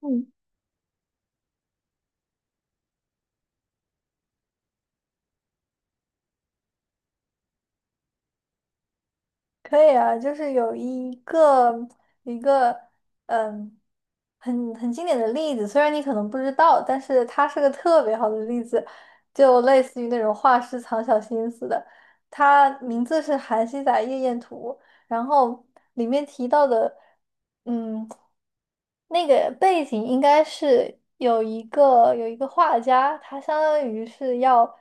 嗯，可以啊，就是有一个嗯，很经典的例子，虽然你可能不知道，但是它是个特别好的例子，就类似于那种画师藏小心思的。它名字是《韩熙载夜宴图》，然后里面提到的，嗯，那个背景应该是有一个画家，他相当于是要。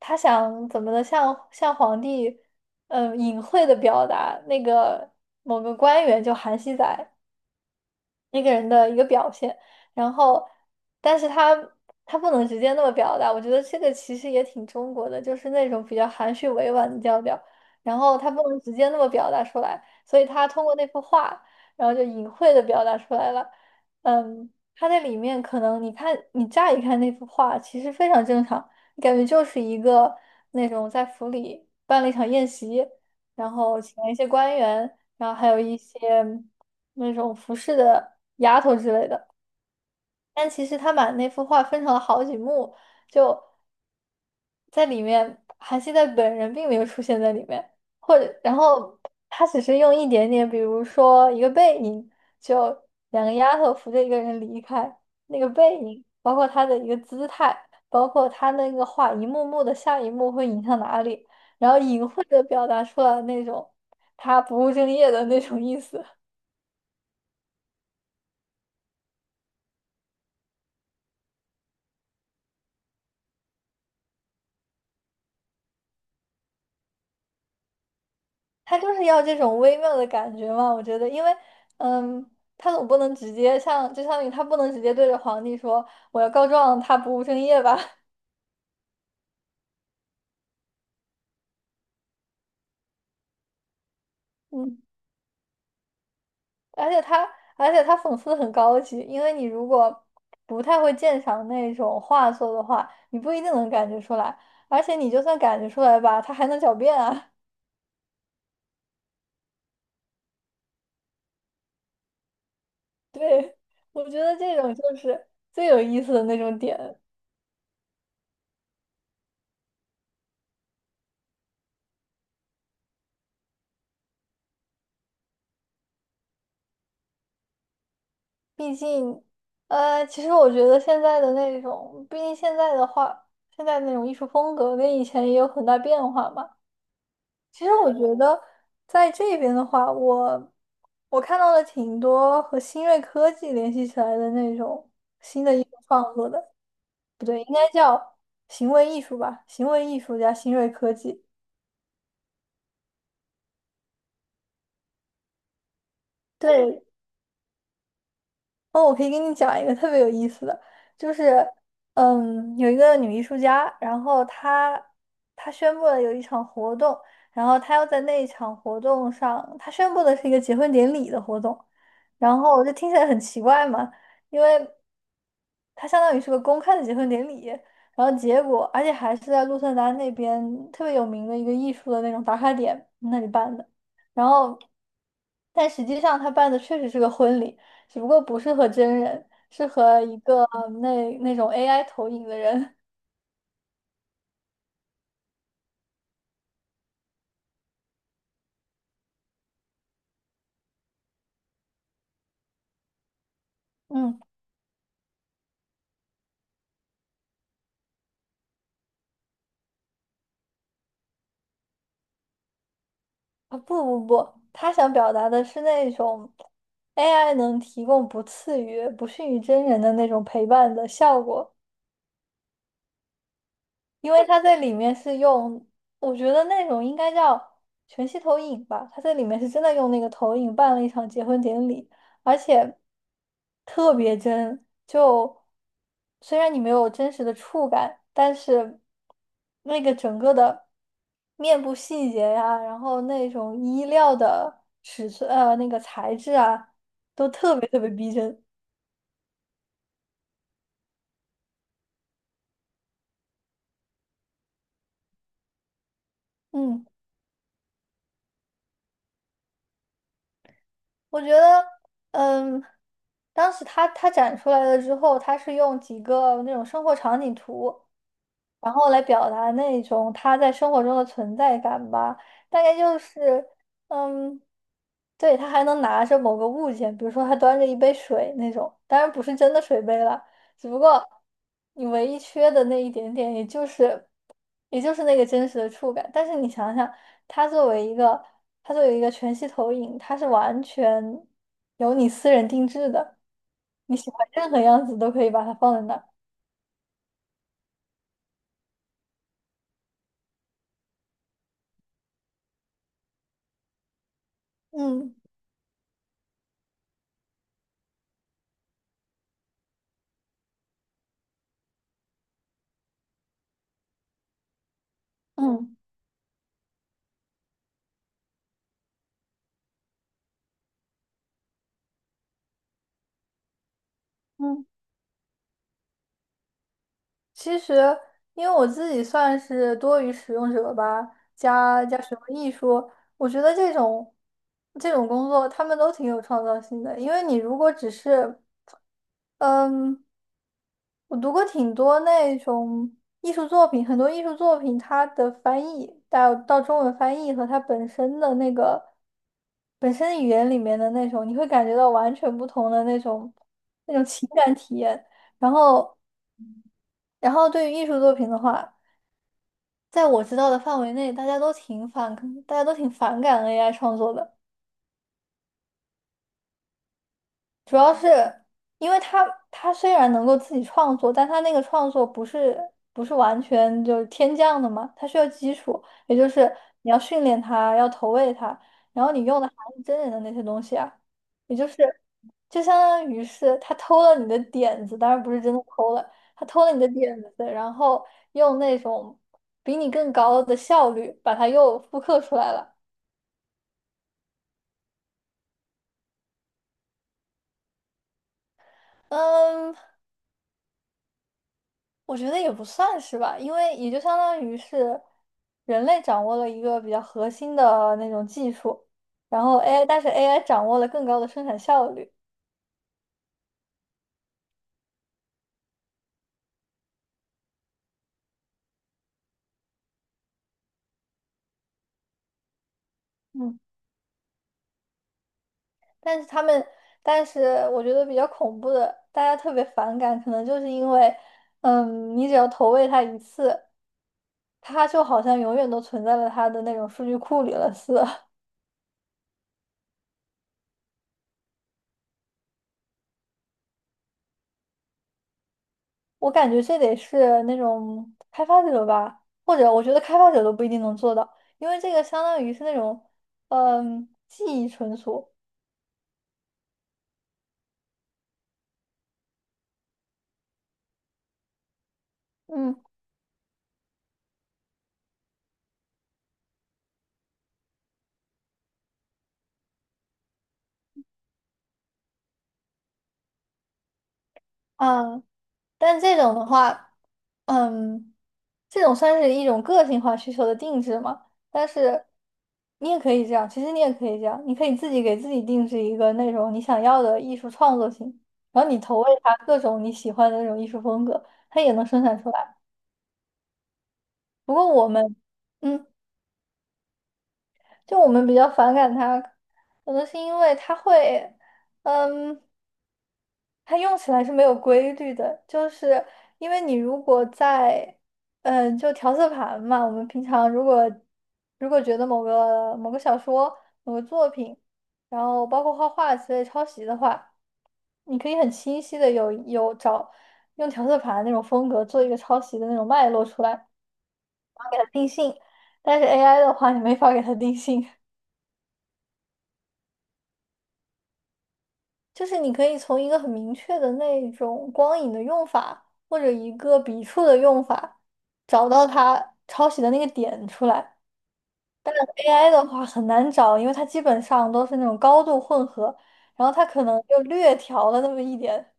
他想怎么的向皇帝，隐晦的表达那个某个官员叫韩熙载，一个人的一个表现，然后，但是他不能直接那么表达，我觉得这个其实也挺中国的，就是那种比较含蓄委婉的调调，然后他不能直接那么表达出来，所以他通过那幅画，然后就隐晦的表达出来了。他在里面可能你看你乍一看那幅画，其实非常正常，你感觉就是一个那种在府里办了一场宴席，然后请了一些官员。然后还有一些那种服饰的丫头之类的。但其实他把那幅画分成了好几幕，就在里面，韩熙载本人并没有出现在里面，或者然后他只是用一点点，比如说一个背影，就两个丫头扶着一个人离开，那个背影，包括他的一个姿态，包括他那个画一幕幕的下一幕会引向哪里，然后隐晦的表达出了那种他不务正业的那种意思。他就是要这种微妙的感觉嘛，我觉得，因为，嗯，他总不能直接像，就相当于他不能直接对着皇帝说我要告状，他不务正业吧，嗯，而且他，而且他讽刺的很高级，因为你如果不太会鉴赏那种画作的话，你不一定能感觉出来，而且你就算感觉出来吧，他还能狡辩啊，对，我觉得这种就是最有意思的那种点。毕竟，其实我觉得现在的那种，毕竟现在的话，现在那种艺术风格跟以前也有很大变化嘛。其实我觉得在这边的话，我看到了挺多和新锐科技联系起来的那种新的艺术创作的，不对，应该叫行为艺术吧，行为艺术家、新锐科技。对，哦，我可以给你讲一个特别有意思的，就是，有一个女艺术家，然后她宣布了有一场活动，然后她要在那一场活动上，她宣布的是一个结婚典礼的活动，然后我就听起来很奇怪嘛，因为它相当于是个公开的结婚典礼，然后结果而且还是在鹿特丹那边特别有名的一个艺术的那种打卡点那里办的，然后但实际上他办的确实是个婚礼。只不过不是和真人，是和一个那种 AI 投影的人。嗯，啊不不不，他想表达的是那种 AI 能提供不次于、不逊于真人的那种陪伴的效果。因为它在里面是用，我觉得那种应该叫全息投影吧。它在里面是真的用那个投影办了一场结婚典礼，而且特别真。就虽然你没有真实的触感，但是那个整个的面部细节呀、然后那种衣料的尺寸，那个材质啊，特别特别逼真。嗯。我觉得，嗯，当时他展出来了之后，他是用几个那种生活场景图，然后来表达那种他在生活中的存在感吧。大概就是，嗯，对，他还能拿着某个物件，比如说他端着一杯水那种，当然不是真的水杯了，只不过你唯一缺的那一点点，也就是。也就是那个真实的触感。但是你想想，它作为一个，它作为一个全息投影，它是完全由你私人定制的，你喜欢任何样子都可以把它放在那儿。嗯嗯嗯，其实因为我自己算是多于使用者吧，加什么艺术，我觉得这种工作他们都挺有创造性的，因为你如果只是嗯。我读过挺多那种艺术作品，很多艺术作品它的翻译到中文翻译和它本身的那个本身语言里面的那种，你会感觉到完全不同的那种情感体验。然后，对于艺术作品的话，在我知道的范围内，大家都挺反感 AI 创作的。主要是因为他虽然能够自己创作，但他那个创作不是完全就是天降的嘛，他需要基础，也就是你要训练他，要投喂他，然后你用的还是真人的那些东西啊，也就是就相当于是他偷了你的点子，当然不是真的偷了，他偷了你的点子，然后用那种比你更高的效率把它又复刻出来了。嗯，我觉得也不算是吧，因为也就相当于是人类掌握了一个比较核心的那种技术，然后 AI，但是 AI 掌握了更高的生产效率。嗯，但是他们，但是我觉得比较恐怖的，大家特别反感，可能就是因为，你只要投喂它一次，它就好像永远都存在了它的那种数据库里了似的。我感觉这得是那种开发者吧，或者我觉得开发者都不一定能做到，因为这个相当于是那种，记忆存储，嗯，嗯，但这种的话，嗯，这种算是一种个性化需求的定制嘛，但是你也可以这样，其实你也可以这样，你可以自己给自己定制一个那种你想要的艺术创作型，然后你投喂它各种你喜欢的那种艺术风格，它也能生产出来。不过我们。嗯。就我们比较反感它，可能是因为它会，嗯，它用起来是没有规律的，就是因为你如果在，就调色盘嘛，我们平常如果觉得某个小说、某个作品，然后包括画画之类抄袭的话，你可以很清晰的有找用调色盘那种风格做一个抄袭的那种脉络出来，定性，但是 AI 的话，你没法给它定性。就是你可以从一个很明确的那种光影的用法，或者一个笔触的用法，找到它抄袭的那个点出来。AI 的话很难找，因为它基本上都是那种高度混合，然后它可能就略调了那么一点。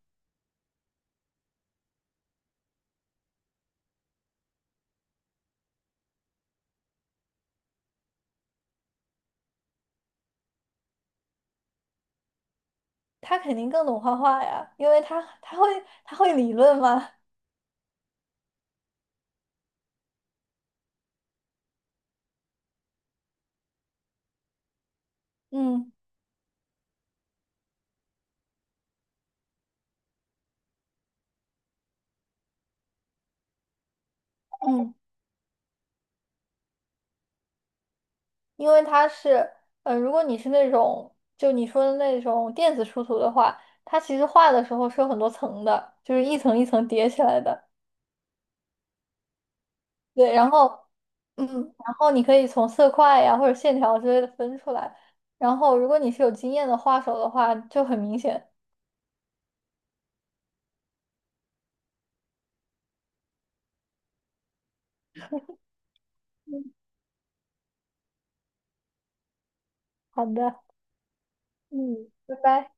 它肯定更懂画画呀，因为它会理论吗？嗯嗯。因为它是，如果你是那种就你说的那种电子出图的话，它其实画的时候是有很多层的，就是一层一层叠起来的。对，嗯，然后你可以从色块呀或者线条之类的分出来。然后，如果你是有经验的画手的话，就很明显。嗯，好的，嗯，拜拜。